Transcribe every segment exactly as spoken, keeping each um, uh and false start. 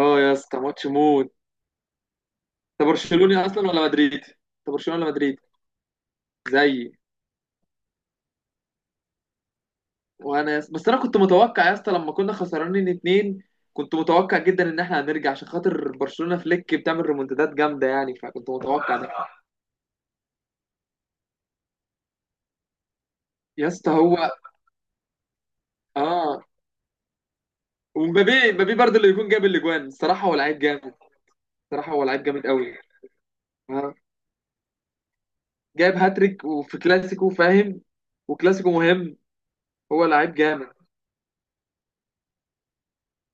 اه يا اسطى ماتش موت. انت برشلوني اصلا ولا مدريدي؟ انت برشلوني ولا مدريدي؟ زيي. وانا يا اسطى، بس انا كنت متوقع يا اسطى، لما كنا خسرانين اتنين كنت متوقع جدا ان احنا هنرجع عشان خاطر برشلونة. فليك بتعمل ريمونتادات جامده يعني، فكنت متوقع ده. يا اسطى هو اه. ومبابي مبابي برضه اللي يكون جاب الاجوان، الصراحه هو لعيب جامد. الصراحه هو لعيب جامد قوي. آه. جايب هاتريك وفي كلاسيكو فاهم، وكلاسيكو مهم. هو لعيب جامد.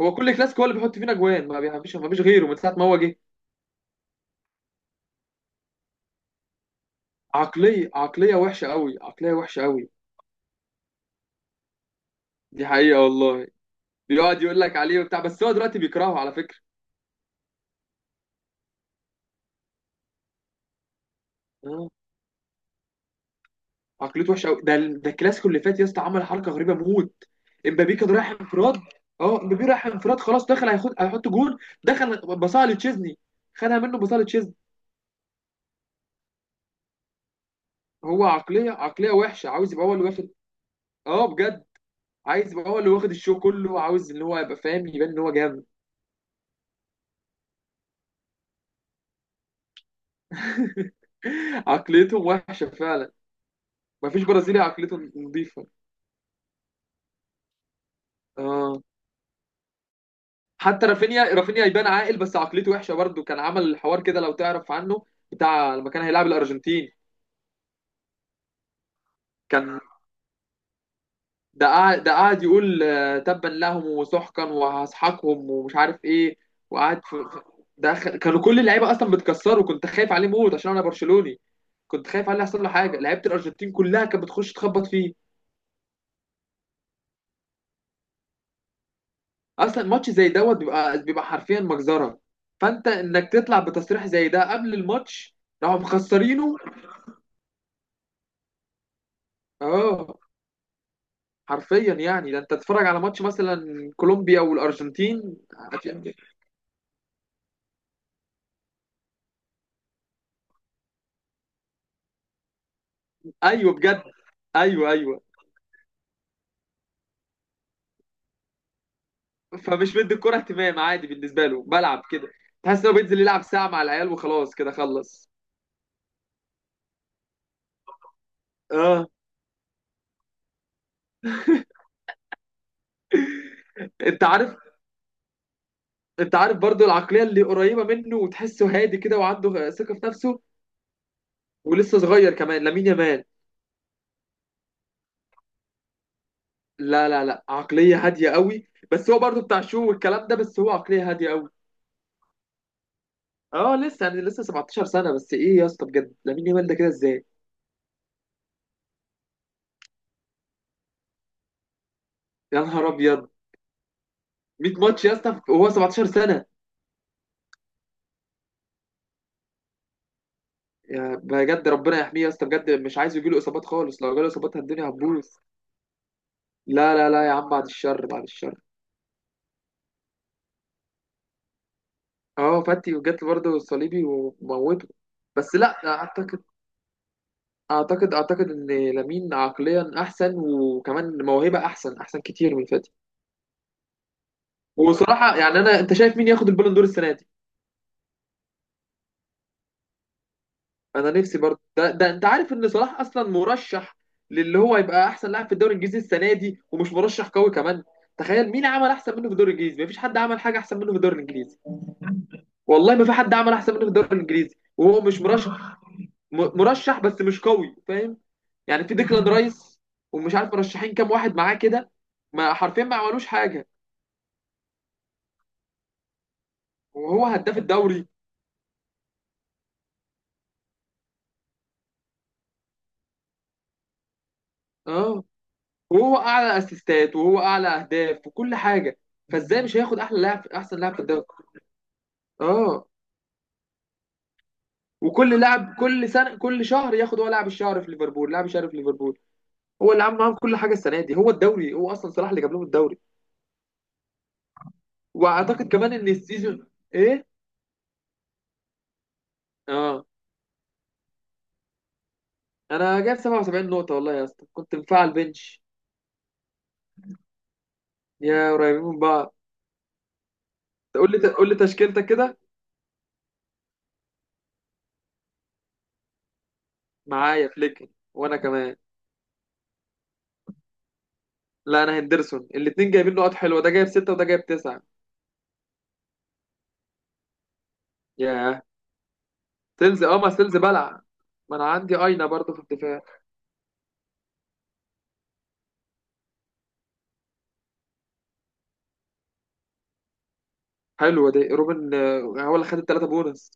هو كل كلاسيكو هو اللي بيحط فينا اجوان، ما بيعملش، ما فيش غيره من ساعه ما هو جه. عقلية عقلية وحشة قوي، عقلية وحشة قوي. دي حقيقة والله. بيقعد يقول لك عليه وبتاع، بس هو دلوقتي بيكرهه على فكرة. آه. عقليته وحشة قوي. ده ده الكلاسيكو اللي فات يا اسطى عمل حركة غريبة موت. امبابي كان رايح انفراد. اه امبابي رايح انفراد خلاص، دخل هياخد هيحط جول، دخل بصاله لتشيزني. خدها منه بصاله لتشيزني. هو عقلية عقلية وحشة، عاوز يبقى هو اللي واخد. اه بجد. عايز يبقى هو اللي واخد الشو كله، عاوز ان هو يبقى فاهم، يبان ان هو جامد. عقليتهم وحشة فعلا. مفيش برازيلي عقليته نظيفة. اه. حتى رافينيا رافينيا يبان عاقل بس عقليته وحشه برضه، كان عمل الحوار كده لو تعرف عنه، بتاع لما كان هيلاعب الارجنتين. كان، ده قاعد ده قاعد يقول آه، تبا لهم وسحقا وهسحقهم ومش عارف ايه. وقعد في... في- ده خ... كانوا كل اللعيبه اصلا بتكسره، كنت خايف عليه موت عشان انا برشلوني. كنت خايف عليه يحصل له حاجه، لعيبه الارجنتين كلها كانت بتخش تخبط فيه. اصلا ماتش زي دوت بيبقى بيبقى حرفيا مجزره. فانت انك تطلع بتصريح زي ده قبل الماتش، راحوا مخسرينه. اه حرفيا يعني، ده انت تتفرج على ماتش مثلا كولومبيا والارجنتين. هت- ايوه بجد. ايوه، ايوه. فمش مدي الكوره اهتمام، عادي بالنسبه له، بلعب كده. تحس انه بينزل يلعب ساعه مع العيال وخلاص كده خلص. اه. انت عارف، انت عارف برضو العقليه اللي قريبه منه وتحسه هادي كده وعنده ثقه في نفسه، ولسه صغير كمان، لامين يامال. لا، لا، لا، عقليه هاديه قوي. بس هو برضو بتاع شو والكلام ده، بس هو عقليه هاديه قوي. اه لسه يعني، لسه سبعتاشر سنه. بس ايه يا اسطى بجد لامين يامال ده كده ازاي؟ يا نهار ابيض. مية ماتش يا اسطى وهو سبعة عشر سنه. يا بجد ربنا يحميه يا اسطى بجد، مش عايز يجيله اصابات خالص، لو جاله اصابات الدنيا هتبوظ. لا، لا، لا يا عم، بعد الشر، بعد الشر. اه فاتي، وجات برضه الصليبي وموته. بس لا اعتقد، اعتقد، اعتقد ان لامين عقليا احسن، وكمان موهبه احسن احسن كتير من فاتي. وصراحه يعني، انا، انت شايف مين ياخد البالون دور السنه دي؟ انا نفسي برضه. ده, ده انت عارف ان صلاح اصلا مرشح للي هو يبقى احسن لاعب في الدوري الانجليزي السنه دي، ومش مرشح قوي كمان. تخيل، مين عمل احسن منه في الدوري الانجليزي؟ مفيش حد عمل حاجه احسن منه في الدوري الانجليزي. والله ما في حد عمل احسن منه في الدوري الانجليزي، وهو مش مرشح. م- مرشح بس مش قوي، فاهم. يعني في ديكلان رايس، ومش عارف مرشحين كام واحد معاه كده. ما حرفيا ما عملوش حاجه. وهو هداف الدوري. اه. وهو اعلى اسيستات، وهو اعلى اهداف، وكل حاجه. فازاي مش هياخد احلى لاعب، احسن لاعب في الدوري؟ اه. وكل لاعب، كل سنه، كل شهر ياخد، هو لاعب الشهر في ليفربول، لاعب الشهر في ليفربول. هو اللي عامل معاهم كل حاجه السنه دي، هو الدوري، هو اصلا صلاح اللي جاب لهم الدوري. واعتقد كمان ان السيزون. ايه؟ اه. انا جايب سبعة وسبعين نقطه والله يا اسطى، كنت مفعل بنش. يا قريبين من بعض. تقول لي، تقول لي تشكيلتك كده. معايا فليك وانا كمان. لا، انا هندرسون. الاثنين جايبين نقط حلوه، ده جايب سته وده جايب تسعه. ياه. سيلز، اه ما سيلز بلع. ما انا عندي اينا برضه في الدفاع. حلوه دي روبن، آه، هو اللي خد الثلاثه بونص.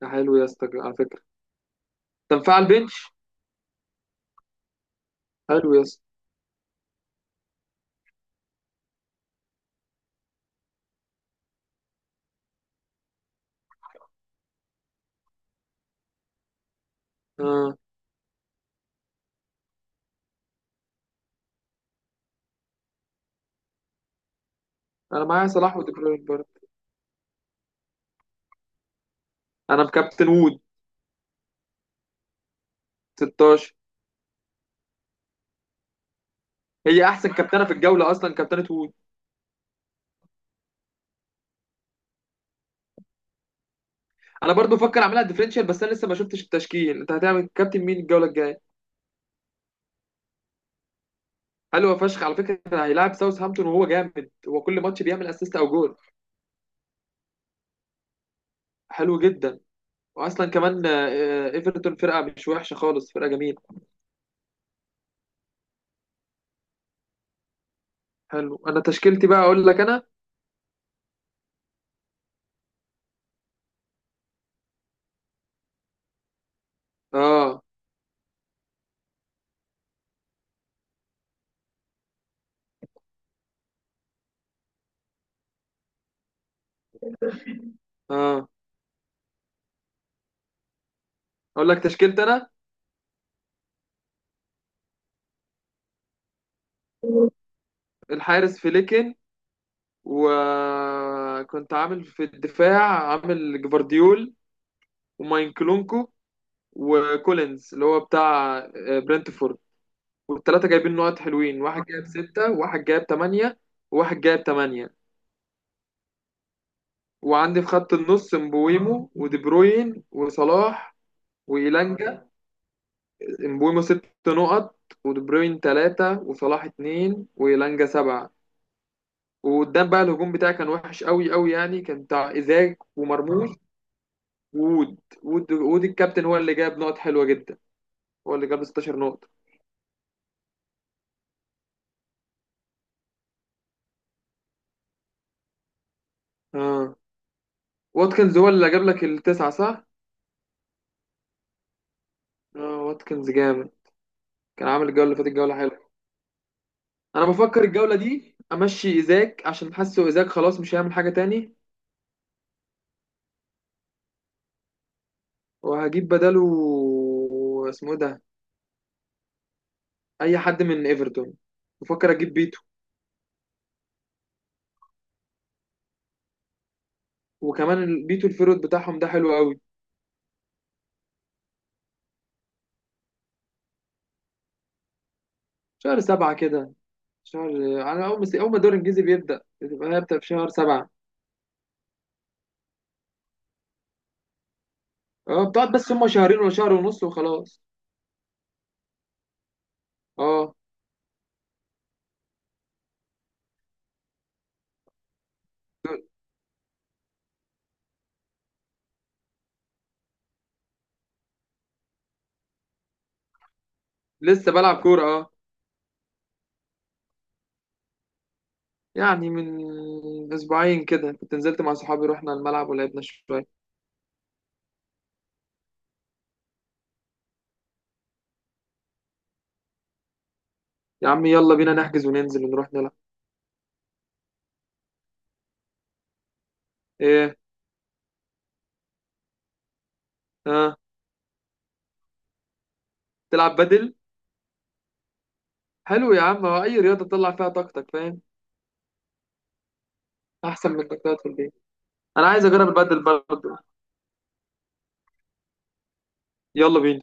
ده حلو يا اسطى على فكرة، تنفع البنش. حلو يا اسطى. آه. انا معايا صلاح ودي بروين برضه. انا مكابتن وود. ستاشر. هي احسن كابتنه في الجوله اصلا، كابتنه وود. انا برضو بفكر اعملها ديفرنشال، بس انا لسه ما شفتش التشكيل. انت هتعمل كابتن مين الجوله الجايه؟ حلو فشخ على فكره، هيلاعب ساوثهامبتون وهو جامد، هو كل ماتش بيعمل اسيست او جول. حلو جدا. واصلا كمان، آه، آه، ايفرتون فرقه مش وحشه خالص، فرقه جميله. حلو. انا تشكيلتي بقى اقول لك انا. اه، اه. اقول لك تشكيلتي انا. الحارس فليكن. وكنت عامل في الدفاع، عامل جفارديول، وماينكلونكو، وكولينز اللي هو بتاع آه، برنتفورد. والثلاثة جايبين نقط حلوين، واحد جايب ستة وواحد جايب تمانية وواحد جايب تمانية. وعندي في خط النص مبويمو ودي بروين وصلاح وإيلانجا. مبويمو ست نقط، ودي بروين تلاتة، وصلاح اتنين، وإيلانجا سبعة. وقدام بقى، الهجوم بتاعي كان وحش قوي قوي يعني، كان بتاع إيزاك ومرموش. وود وود وود الكابتن هو اللي جاب نقط حلوة جدا، هو اللي جاب ستاشر نقطة. اه واتكنز هو اللي جاب لك التسعة، صح؟ اه واتكنز جامد، كان عامل الجولة اللي فاتت جولة حلوة. انا بفكر الجولة دي امشي ايزاك، عشان حاسه ايزاك خلاص مش هيعمل حاجة تاني. وهجيب بداله. اسمه إيه ده؟ اي حد من ايفرتون. بفكر اجيب بيتو. وكمان ال- بيتو الفيرود بتاعهم ده حلو قوي. شهر سبعة كده. شهر، على اول ما اول ما الدوري الانجليزي بيبدأ، بتبقى هي بتبقى في شهر سبعة. اه بتقعد بس، هما شهرين ولا شهر ونص وخلاص. اه لسه بلعب كورة اه. يعني من اسبوعين كده، كنت نزلت مع صحابي، رحنا الملعب ولعبنا شوية. يا عم يلا بينا نحجز وننزل ونروح نلعب. ايه؟ ها، آه. تلعب بدل. حلو يا عم، هو اي رياضة تطلع فيها طاقتك، فاهم. احسن من انك تقعد في البيت. انا عايز اجرب البدل برضه. يلا بينا.